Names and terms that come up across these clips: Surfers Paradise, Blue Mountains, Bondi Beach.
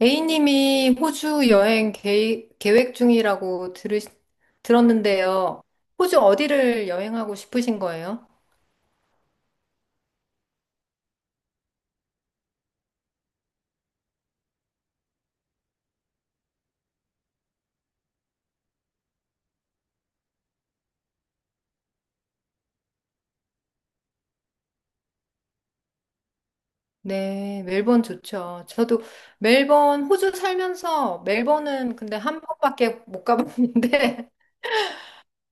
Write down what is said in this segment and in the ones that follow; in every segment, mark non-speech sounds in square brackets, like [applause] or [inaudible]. A님이 호주 여행 계획 중이라고 들었는데요. 호주 어디를 여행하고 싶으신 거예요? 네, 멜번 좋죠. 저도 멜번, 호주 살면서 멜번은 근데 한 번밖에 못 가봤는데,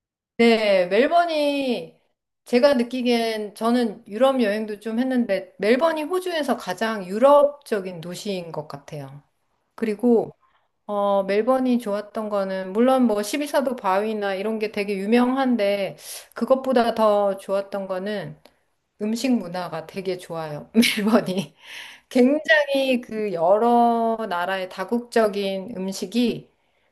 [laughs] 네, 멜번이 제가 느끼기엔 저는 유럽 여행도 좀 했는데, 멜번이 호주에서 가장 유럽적인 도시인 것 같아요. 그리고 어, 멜번이 좋았던 거는, 물론 뭐 십이 사도 바위나 이런 게 되게 유명한데, 그것보다 더 좋았던 거는 음식 문화가 되게 좋아요, [laughs] 멜번이. 굉장히 그 여러 나라의 다국적인 음식이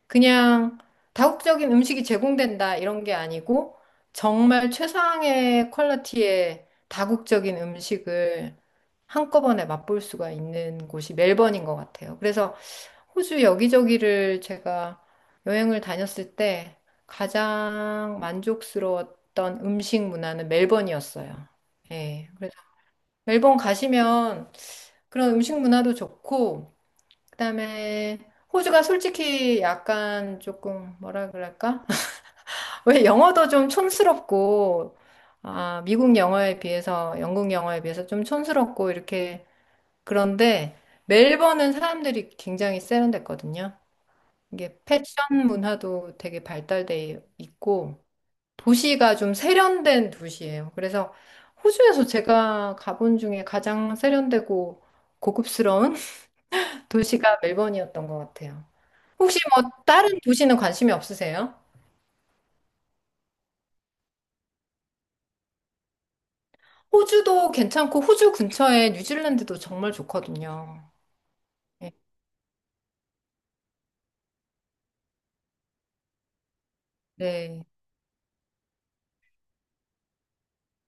그냥 다국적인 음식이 제공된다 이런 게 아니고, 정말 최상의 퀄리티의 다국적인 음식을 한꺼번에 맛볼 수가 있는 곳이 멜번인 것 같아요. 그래서 호주 여기저기를 제가 여행을 다녔을 때 가장 만족스러웠던 음식 문화는 멜번이었어요. 예. 그래서 멜번 가시면 그런 음식 문화도 좋고, 그다음에 호주가 솔직히 약간 조금 뭐라 그럴까? [laughs] 왜 영어도 좀 촌스럽고, 아, 미국 영어에 비해서, 영국 영어에 비해서 좀 촌스럽고, 이렇게. 그런데 멜번은 사람들이 굉장히 세련됐거든요. 이게 패션 문화도 되게 발달돼 있고 도시가 좀 세련된 도시예요. 그래서 호주에서 제가 가본 중에 가장 세련되고 고급스러운 [laughs] 도시가 멜번이었던 것 같아요. 혹시 뭐 다른 도시는 관심이 없으세요? 호주도 괜찮고 호주 근처에 뉴질랜드도 정말 좋거든요. 네. 네.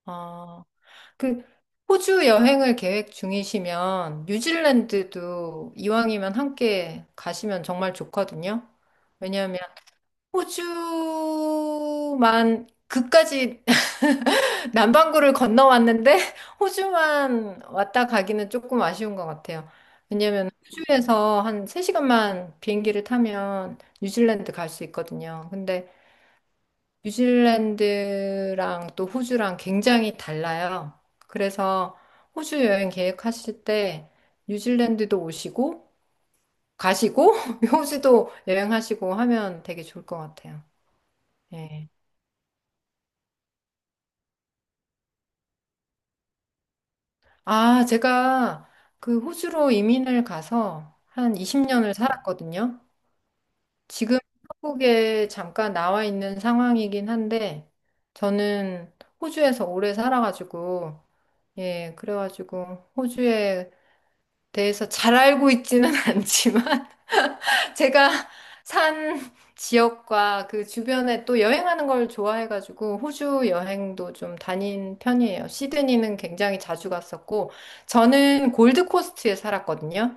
아, 그 호주 여행을 계획 중이시면 뉴질랜드도 이왕이면 함께 가시면 정말 좋거든요. 왜냐하면 호주만 그까지 [laughs] 남반구를 건너왔는데 호주만 왔다 가기는 조금 아쉬운 것 같아요. 왜냐하면 호주에서 한 3시간만 비행기를 타면 뉴질랜드 갈 수 있거든요. 근데 뉴질랜드랑 또 호주랑 굉장히 달라요. 그래서 호주 여행 계획하실 때 뉴질랜드도 오시고 가시고 [laughs] 호주도 여행하시고 하면 되게 좋을 것 같아요. 예. 아, 제가 그 호주로 이민을 가서 한 20년을 살았거든요. 지금 한국에 잠깐 나와 있는 상황이긴 한데 저는 호주에서 오래 살아가지고 예, 그래가지고 호주에 대해서 잘 알고 있지는 [laughs] 않지만 [laughs] 제가 산 지역과 그 주변에 또 여행하는 걸 좋아해가지고 호주 여행도 좀 다닌 편이에요. 시드니는 굉장히 자주 갔었고 저는 골드코스트에 살았거든요.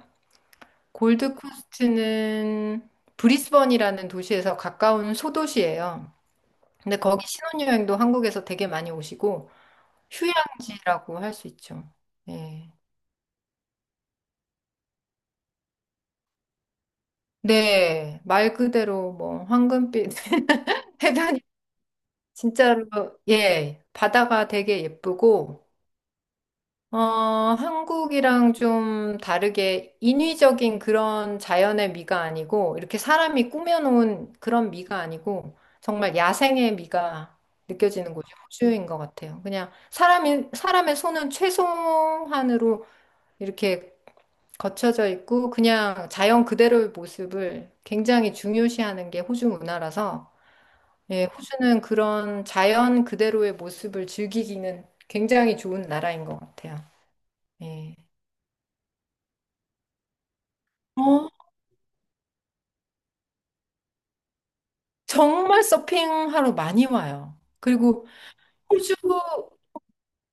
골드코스트는 브리스번이라는 도시에서 가까운 소도시예요. 근데 거기 신혼여행도 한국에서 되게 많이 오시고 휴양지라고 할 수 있죠. 예. 네, 말 그대로 뭐 황금빛 [laughs] 해변이 진짜로 예, 바다가 되게 예쁘고 어, 한국이랑 좀 다르게 인위적인 그런 자연의 미가 아니고 이렇게 사람이 꾸며놓은 그런 미가 아니고 정말 야생의 미가 느껴지는 곳이 호주인 것 같아요. 그냥 사람이 사람의 손은 최소한으로 이렇게 거쳐져 있고 그냥 자연 그대로의 모습을 굉장히 중요시하는 게 호주 문화라서 예, 호주는 그런 자연 그대로의 모습을 즐기기는 굉장히 좋은 나라인 것 같아요. 예. 어, 정말 서핑하러 많이 와요. 그리고 호주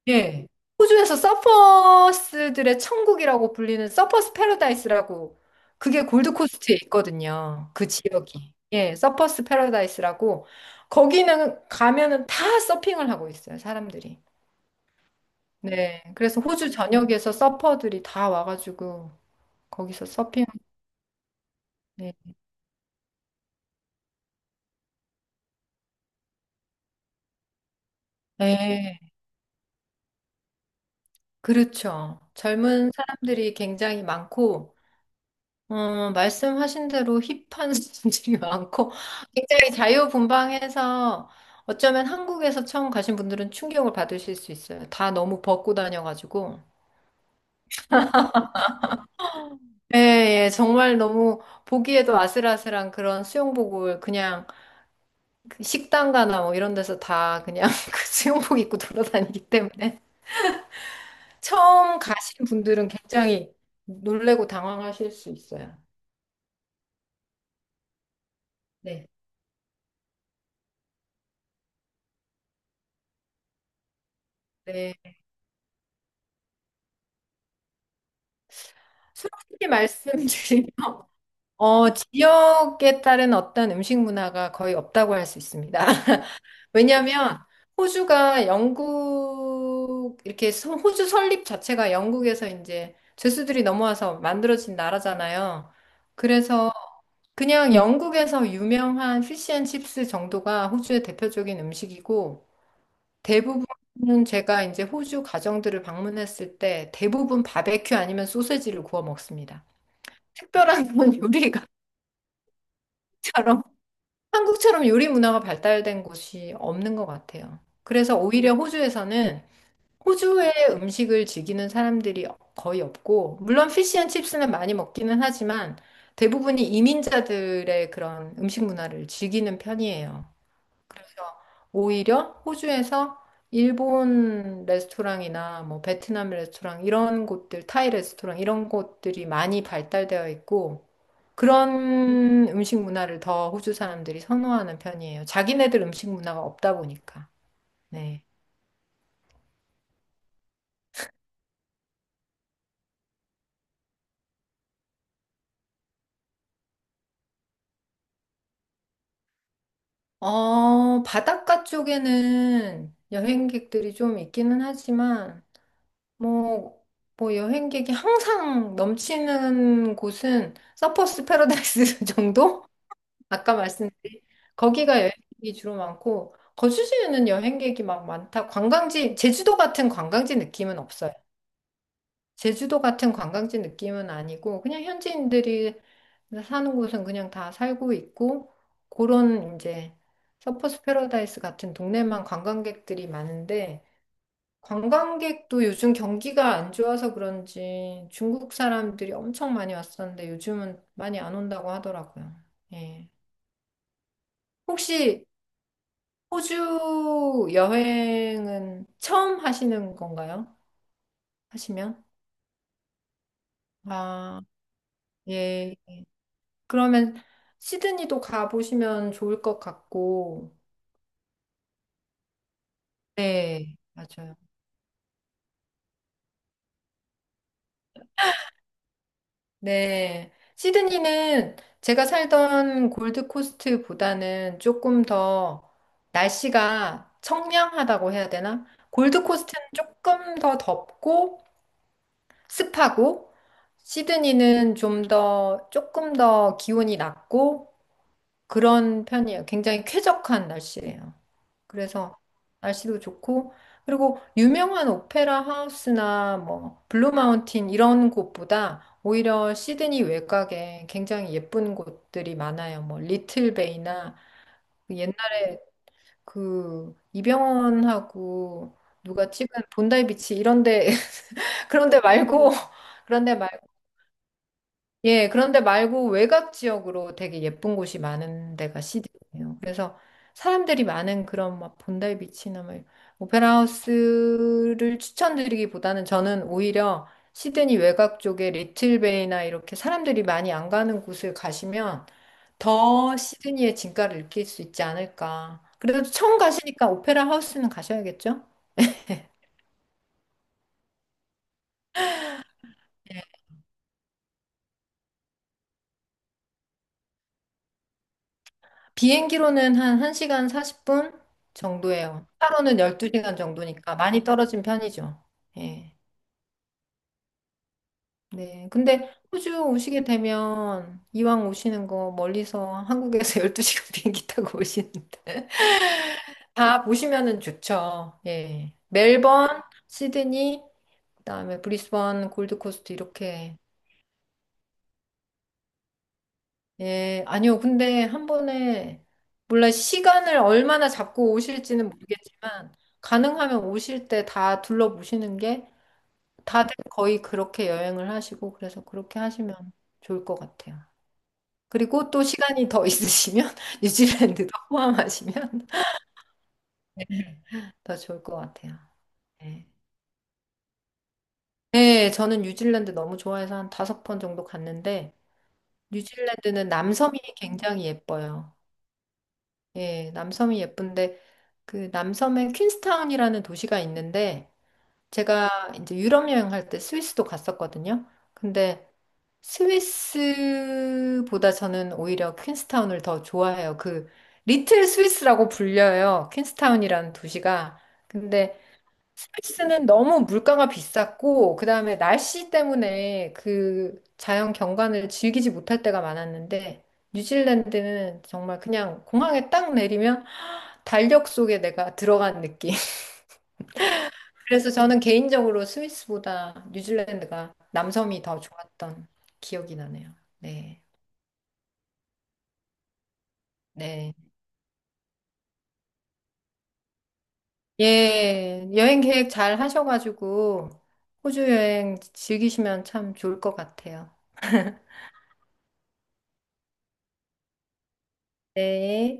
예. 호주에서 서퍼스들의 천국이라고 불리는 서퍼스 패러다이스라고 그게 골드코스트에 있거든요. 그 지역이. 예, 서퍼스 패러다이스라고 거기는 가면은 다 서핑을 하고 있어요, 사람들이. 네. 그래서 호주 전역에서 서퍼들이 다 와가지고 거기서 서핑. 네. 네. 그렇죠. 젊은 사람들이 굉장히 많고 어, 말씀하신 대로 힙한 [laughs] 사람들이 많고 굉장히 자유분방해서 어쩌면 한국에서 처음 가신 분들은 충격을 받으실 수 있어요. 다 너무 벗고 다녀가지고. 예, 예, 정말 너무 보기에도 아슬아슬한 그런 수영복을 그냥 그 식당 가나 뭐 이런 데서 다 그냥 [laughs] 그 수영복 입고 돌아다니기 때문에 처음 가신 분들은 굉장히 놀래고 당황하실 수 있어요. 네. 네. 솔직히 말씀드리면 어, 지역에 따른 어떤 음식 문화가 거의 없다고 할 수 있습니다. [laughs] 왜냐하면 호주가 영국, 이렇게 호주 설립 자체가 영국에서 이제 죄수들이 넘어와서 만들어진 나라잖아요. 그래서 그냥 영국에서 유명한 피시앤칩스 정도가 호주의 대표적인 음식이고 대부분은 제가 이제 호주 가정들을 방문했을 때 대부분 바베큐 아니면 소세지를 구워 먹습니다. 특별한 [laughs] 건 요리가처럼 한국처럼 요리 문화가 발달된 곳이 없는 것 같아요. 그래서 오히려 호주에서는 호주의 음식을 즐기는 사람들이 거의 없고, 물론 피시앤칩스는 많이 먹기는 하지만 대부분이 이민자들의 그런 음식 문화를 즐기는 편이에요. 그래서 오히려 호주에서 일본 레스토랑이나 뭐 베트남 레스토랑 이런 곳들, 타이 레스토랑 이런 곳들이 많이 발달되어 있고, 그런 음식 문화를 더 호주 사람들이 선호하는 편이에요. 자기네들 음식 문화가 없다 보니까. 네. 어, 바닷가 쪽에는 여행객들이 좀 있기는 하지만, 뭐, 뭐 여행객이 항상 넘치는 곳은 서퍼스 패러다이스 [laughs] 정도? 아까 말씀드린 거기가 여행객이 주로 많고, 거주지는 여행객이 막 많다. 관광지, 제주도 같은 관광지 느낌은 없어요. 제주도 같은 관광지 느낌은 아니고 그냥 현지인들이 사는 곳은 그냥 다 살고 있고 그런 이제 서퍼스 패러다이스 같은 동네만 관광객들이 많은데 관광객도 요즘 경기가 안 좋아서 그런지 중국 사람들이 엄청 많이 왔었는데 요즘은 많이 안 온다고 하더라고요. 예. 혹시 호주 여행은 처음 하시는 건가요? 하시면? 아, 예, 그러면 시드니도 가보시면 좋을 것 같고, 네, 맞아요. 네. 시드니는 제가 살던 골드코스트보다는 조금 더 날씨가 청량하다고 해야 되나? 골드코스트는 조금 더 덥고 습하고, 시드니는 좀 더, 조금 더 기온이 낮고, 그런 편이에요. 굉장히 쾌적한 날씨예요. 그래서 날씨도 좋고 그리고 유명한 오페라 하우스나 뭐 블루 마운틴 이런 곳보다 오히려 시드니 외곽에 굉장히 예쁜 곳들이 많아요. 뭐 리틀 베이나 그 옛날에 그 이병헌하고 누가 찍은 본다이 비치 이런 데 [laughs] 그런 데 말고 [laughs] 그런 데 예, 그런데 말고 외곽 지역으로 되게 예쁜 곳이 많은 데가 시드니예요. 그래서 사람들이 많은 그런 막 본다이 비치나 막 오페라 하우스를 추천드리기보다는 저는 오히려 시드니 외곽 쪽에 리틀베이나 이렇게 사람들이 많이 안 가는 곳을 가시면 더 시드니의 진가를 느낄 수 있지 않을까. 그래도 처음 가시니까 오페라 하우스는 가셔야겠죠? 예. 비행기로는 한 1시간 40분 정도예요. 차로는 12시간 정도니까 많이 떨어진 편이죠. 예. 네. 근데 호주 오시게 되면 이왕 오시는 거 멀리서 한국에서 [laughs] 12시간 비행기 타고 오시는데 [laughs] 다 보시면은 좋죠. 예. 멜번, 시드니, 그다음에 브리스번, 골드코스트 이렇게 예, 아니요. 근데 한 번에, 몰라, 시간을 얼마나 잡고 오실지는 모르겠지만, 가능하면 오실 때 다 둘러보시는 게, 다들 거의 그렇게 여행을 하시고, 그래서 그렇게 하시면 좋을 것 같아요. 그리고 또 시간이 더 있으시면, [laughs] 뉴질랜드도 포함하시면 [laughs] 더 좋을 것 같아요. 예. 네, 저는 뉴질랜드 너무 좋아해서 한 다섯 번 정도 갔는데, 뉴질랜드는 남섬이 굉장히 예뻐요. 예, 남섬이 예쁜데 그 남섬에 퀸스타운이라는 도시가 있는데 제가 이제 유럽 여행할 때 스위스도 갔었거든요. 근데 스위스보다 저는 오히려 퀸스타운을 더 좋아해요. 그 리틀 스위스라고 불려요. 퀸스타운이라는 도시가. 근데 스위스는 너무 물가가 비쌌고 그다음에 날씨 때문에 그 자연 경관을 즐기지 못할 때가 많았는데 뉴질랜드는 정말 그냥 공항에 딱 내리면 달력 속에 내가 들어간 느낌. [laughs] 그래서 저는 개인적으로 스위스보다 뉴질랜드가 남섬이 더 좋았던 기억이 나네요. 네. 네. 예. 여행 계획 잘 하셔가지고 호주 여행 즐기시면 참 좋을 것 같아요. 네.